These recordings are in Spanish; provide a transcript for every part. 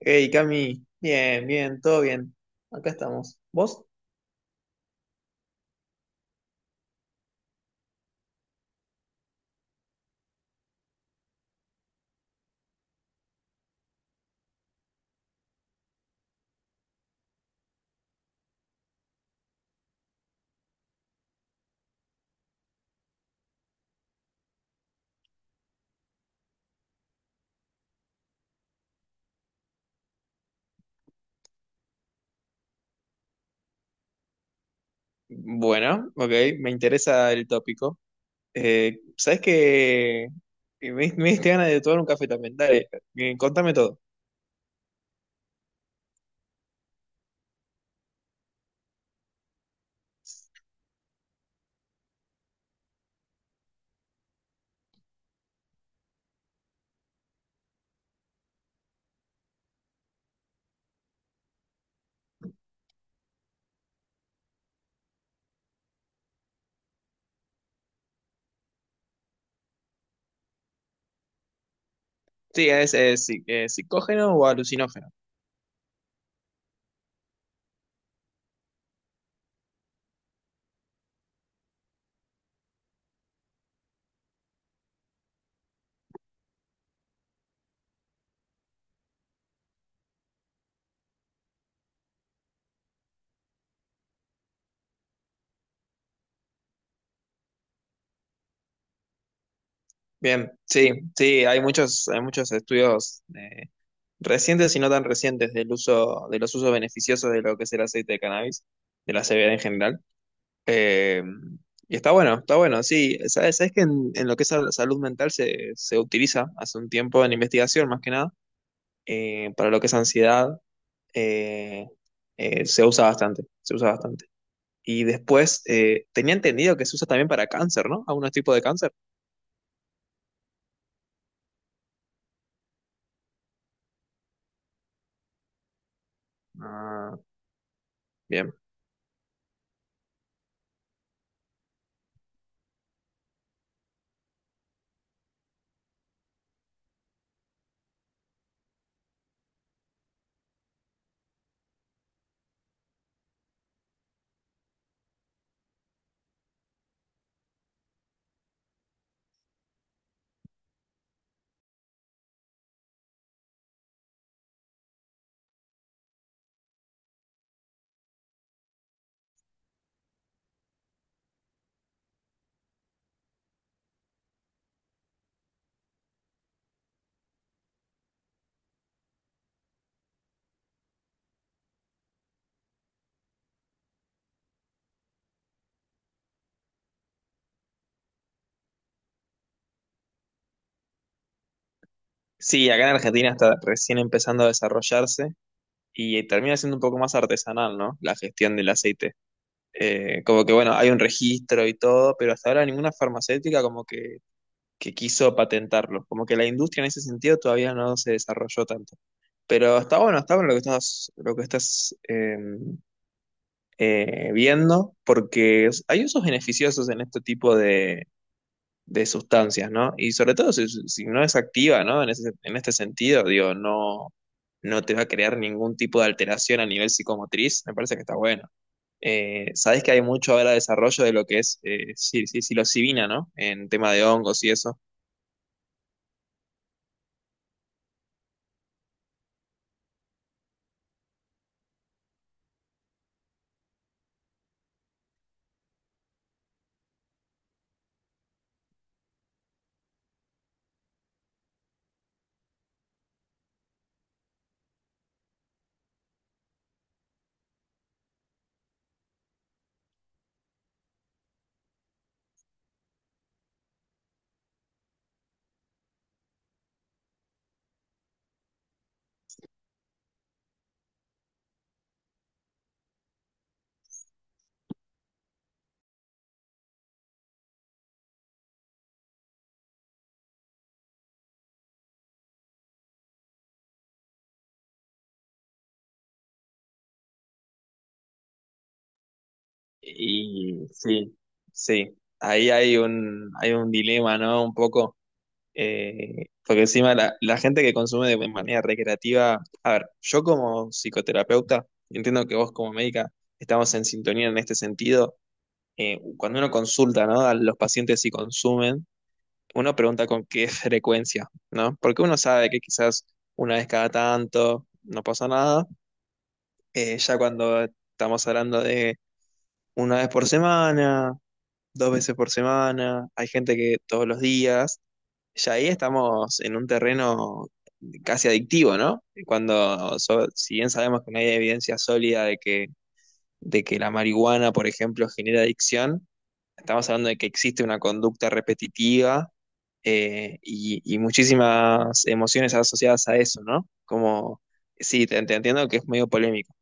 Hey, Cami, bien, bien, todo bien. Acá estamos. ¿Vos? Bueno, ok, me interesa el tópico. ¿Sabes qué? Me diste ganas de tomar un café también. Dale, contame todo. Sí, es sí, psicógeno o alucinógeno. Bien, sí, sí, hay muchos estudios recientes y no tan recientes del uso, de los usos beneficiosos de lo que es el aceite de cannabis, de la CBD en general. Eh, y está bueno, sí. Sabes que en lo que es la salud mental se utiliza hace un tiempo en investigación, más que nada, para lo que es ansiedad, eh, se usa bastante, se usa bastante. Y después, tenía entendido que se usa también para cáncer, ¿no? Algunos tipos de cáncer. Ah, bien. Sí, acá en Argentina está recién empezando a desarrollarse y termina siendo un poco más artesanal, ¿no? La gestión del aceite. Como que, bueno, hay un registro y todo, pero hasta ahora ninguna farmacéutica como que quiso patentarlo. Como que la industria en ese sentido todavía no se desarrolló tanto. Pero está bueno lo que estás viendo, porque hay usos beneficiosos en este tipo de sustancias, ¿no? Y sobre todo si no es activa, ¿no? En este sentido, digo, no, no te va a crear ningún tipo de alteración a nivel psicomotriz, me parece que está bueno. Sabes que hay mucho ahora desarrollo de lo que es sí, sí, psilocibina, ¿no? En tema de hongos y eso. Y sí, sí, ahí hay un dilema, ¿no? Un poco, porque encima la gente que consume de manera recreativa, a ver, yo como psicoterapeuta, entiendo que vos como médica estamos en sintonía en este sentido, cuando uno consulta, ¿no? A los pacientes si consumen, uno pregunta con qué frecuencia, ¿no? Porque uno sabe que quizás una vez cada tanto no pasa nada, ya cuando estamos hablando de una vez por semana, dos veces por semana, hay gente que todos los días. Ya ahí estamos en un terreno casi adictivo, ¿no? Si bien sabemos que no hay evidencia sólida de que la marihuana, por ejemplo, genera adicción, estamos hablando de que existe una conducta repetitiva y muchísimas emociones asociadas a eso, ¿no? Como, sí, te entiendo que es medio polémico.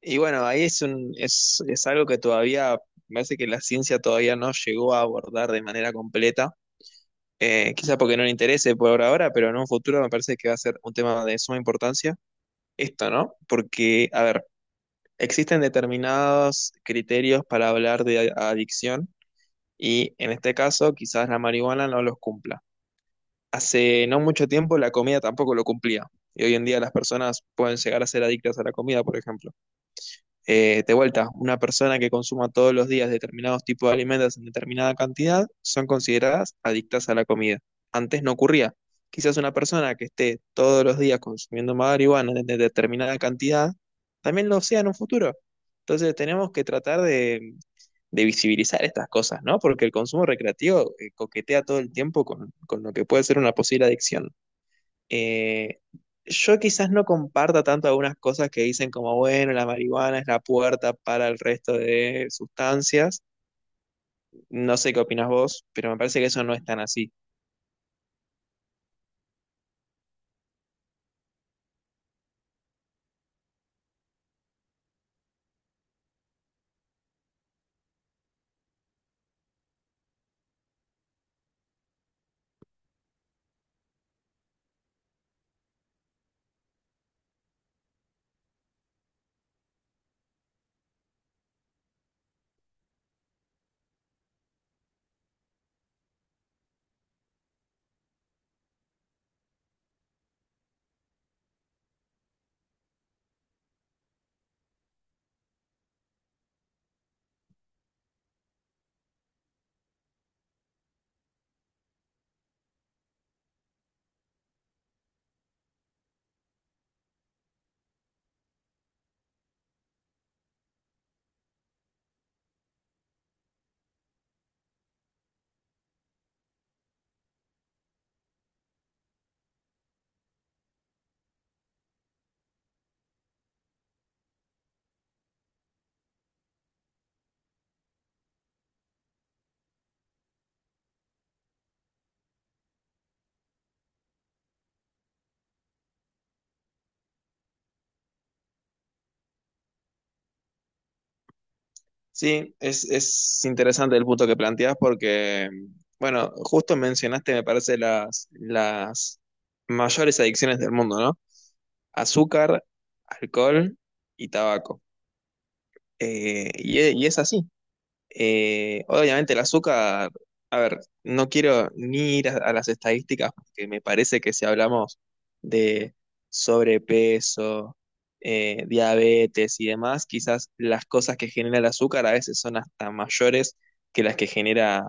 Y bueno, ahí es algo que todavía, me parece que la ciencia todavía no llegó a abordar de manera completa. Quizá porque no le interese por ahora, pero en un futuro me parece que va a ser un tema de suma importancia. Esto, ¿no? Porque, a ver, existen determinados criterios para hablar de adicción y en este caso quizás la marihuana no los cumpla. Hace no mucho tiempo la comida tampoco lo cumplía y hoy en día las personas pueden llegar a ser adictas a la comida, por ejemplo. De vuelta, una persona que consuma todos los días determinados tipos de alimentos en determinada cantidad son consideradas adictas a la comida. Antes no ocurría. Quizás una persona que esté todos los días consumiendo marihuana en determinada cantidad también lo sea en un futuro. Entonces tenemos que tratar de visibilizar estas cosas, ¿no? Porque el consumo recreativo coquetea todo el tiempo con, lo que puede ser una posible adicción. Eh, yo quizás no comparta tanto algunas cosas que dicen como, bueno, la marihuana es la puerta para el resto de sustancias. No sé qué opinas vos, pero me parece que eso no es tan así. Sí, es interesante el punto que planteás porque, bueno, justo mencionaste, me parece, las, mayores adicciones del mundo, ¿no? Azúcar, alcohol y tabaco. Y es así. Obviamente el azúcar, a ver, no quiero ni ir a las estadísticas porque me parece que si hablamos de sobrepeso, diabetes y demás, quizás las cosas que genera el azúcar a veces son hasta mayores que las que genera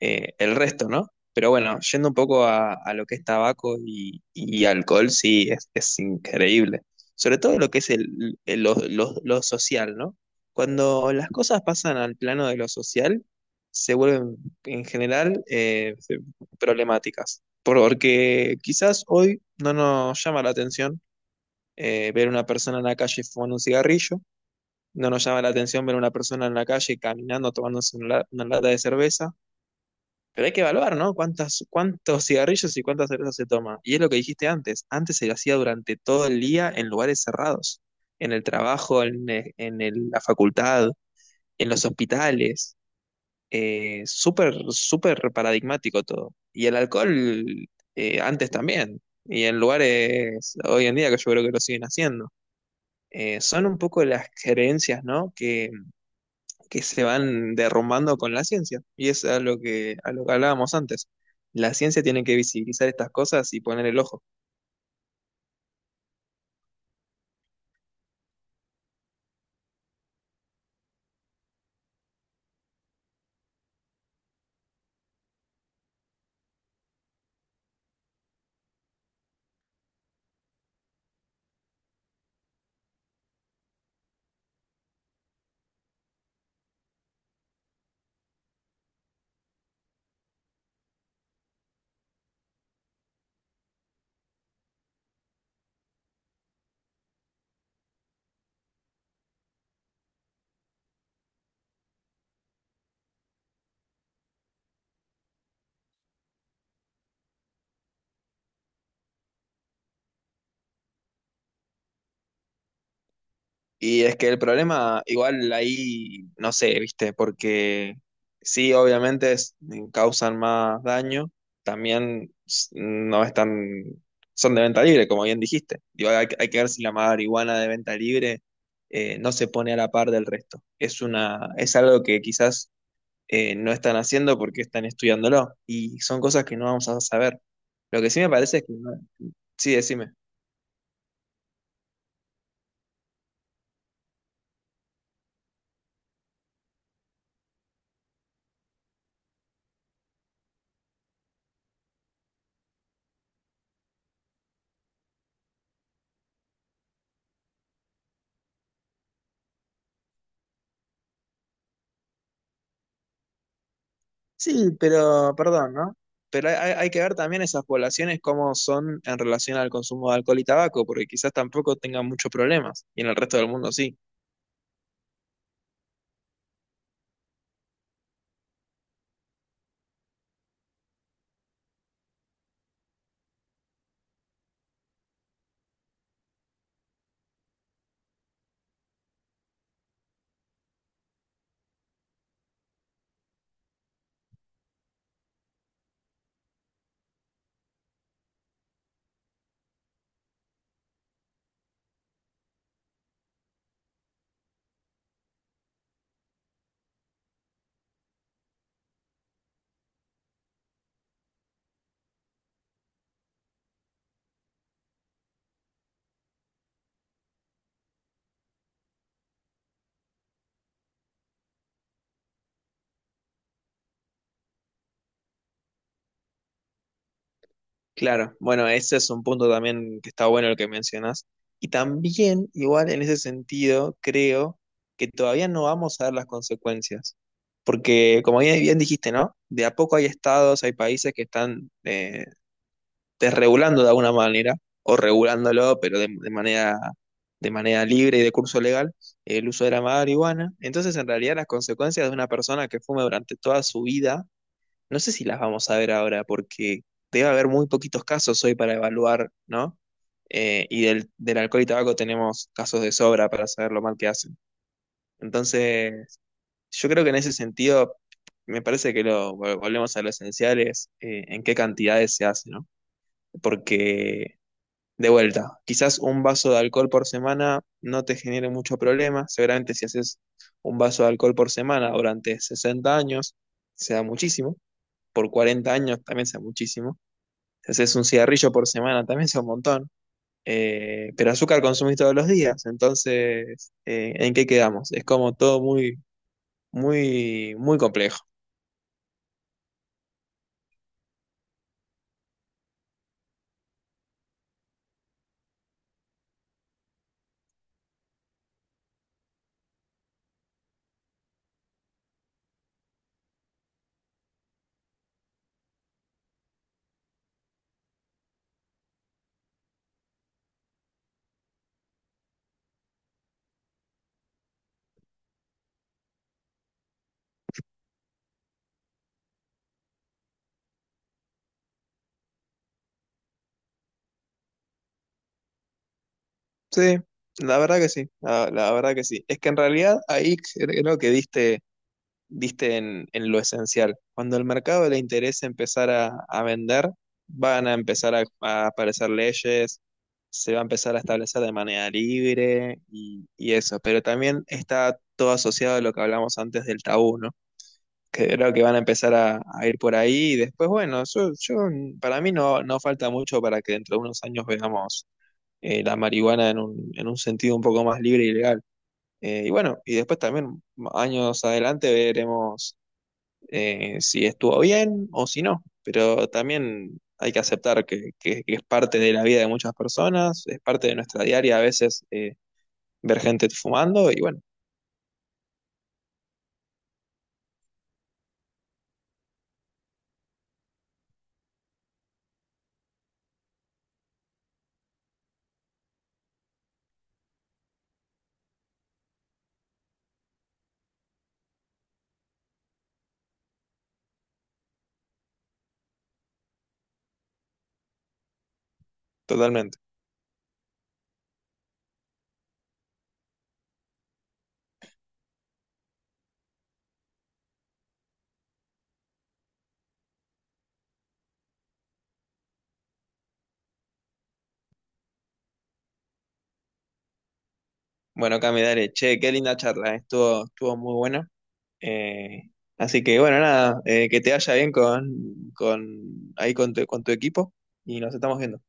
el resto, ¿no? Pero bueno, yendo un poco a lo que es tabaco y alcohol, sí, es increíble. Sobre todo lo que es lo social, ¿no? Cuando las cosas pasan al plano de lo social, se vuelven en general problemáticas. Porque quizás hoy no nos llama la atención ver una persona en la calle fumando un cigarrillo, no nos llama la atención ver una persona en la calle caminando, tomándose una lata de cerveza, pero hay que evaluar, ¿no? ¿Cuántas, cuántos cigarrillos y cuántas cervezas se toma? Y es lo que dijiste antes. Antes se lo hacía durante todo el día en lugares cerrados, en el trabajo, en, e- en el- la facultad, en los hospitales. Súper, súper paradigmático todo. Y el alcohol antes también. Y en lugares hoy en día que yo creo que lo siguen haciendo. Son un poco las creencias, ¿no? Que se van derrumbando con la ciencia. Y es a lo que hablábamos antes. La ciencia tiene que visibilizar estas cosas y poner el ojo. Y es que el problema, igual ahí, no sé, viste, porque sí, obviamente causan más daño, también no están, son de venta libre, como bien dijiste. Digo, que hay que ver si la marihuana de venta libre no se pone a la par del resto. Es algo que quizás no están haciendo porque están estudiándolo. Y son cosas que no vamos a saber. Lo que sí me parece es que Sí, decime. Sí, pero perdón, ¿no? Pero hay que ver también esas poblaciones cómo son en relación al consumo de alcohol y tabaco, porque quizás tampoco tengan muchos problemas, y en el resto del mundo sí. Claro, bueno, ese es un punto también que está bueno el que mencionas. Y también, igual en ese sentido, creo que todavía no vamos a ver las consecuencias. Porque, como bien, bien dijiste, ¿no? De a poco hay estados, hay países que están desregulando de alguna manera, o regulándolo, pero de manera libre y de curso legal, el uso de la marihuana. Entonces, en realidad, las consecuencias de una persona que fume durante toda su vida no sé si las vamos a ver ahora porque debe haber muy poquitos casos hoy para evaluar, ¿no? Y del alcohol y tabaco tenemos casos de sobra para saber lo mal que hacen. Entonces, yo creo que en ese sentido, me parece que volvemos a lo esencial es en qué cantidades se hace, ¿no? Porque, de vuelta, quizás un vaso de alcohol por semana no te genere mucho problema. Seguramente si haces un vaso de alcohol por semana durante 60 años, sea muchísimo por 40 años también sea muchísimo. Si haces un cigarrillo por semana también sea un montón. Pero azúcar consumís todos los días, entonces, ¿en qué quedamos? Es como todo muy, muy, muy complejo. Sí, la verdad que sí, la verdad que sí. Es que en realidad ahí creo que diste en lo esencial. Cuando el mercado le interese empezar a, vender, van a empezar a aparecer leyes, se va a empezar a establecer de manera libre y eso. Pero también está todo asociado a lo que hablamos antes del tabú, ¿no? Que creo que van a empezar a, ir por ahí y después, bueno, yo para mí no, no falta mucho para que dentro de unos años veamos la marihuana en un sentido un poco más libre y legal. Y bueno, y después también años adelante veremos si estuvo bien o si no, pero también hay que aceptar que es parte de la vida de muchas personas, es parte de nuestra diaria a veces ver gente fumando y bueno, totalmente. Bueno, Cami, dale, che, qué linda charla, estuvo muy buena. eh, así que bueno, nada, que te vaya bien con ahí con tu equipo y nos estamos viendo.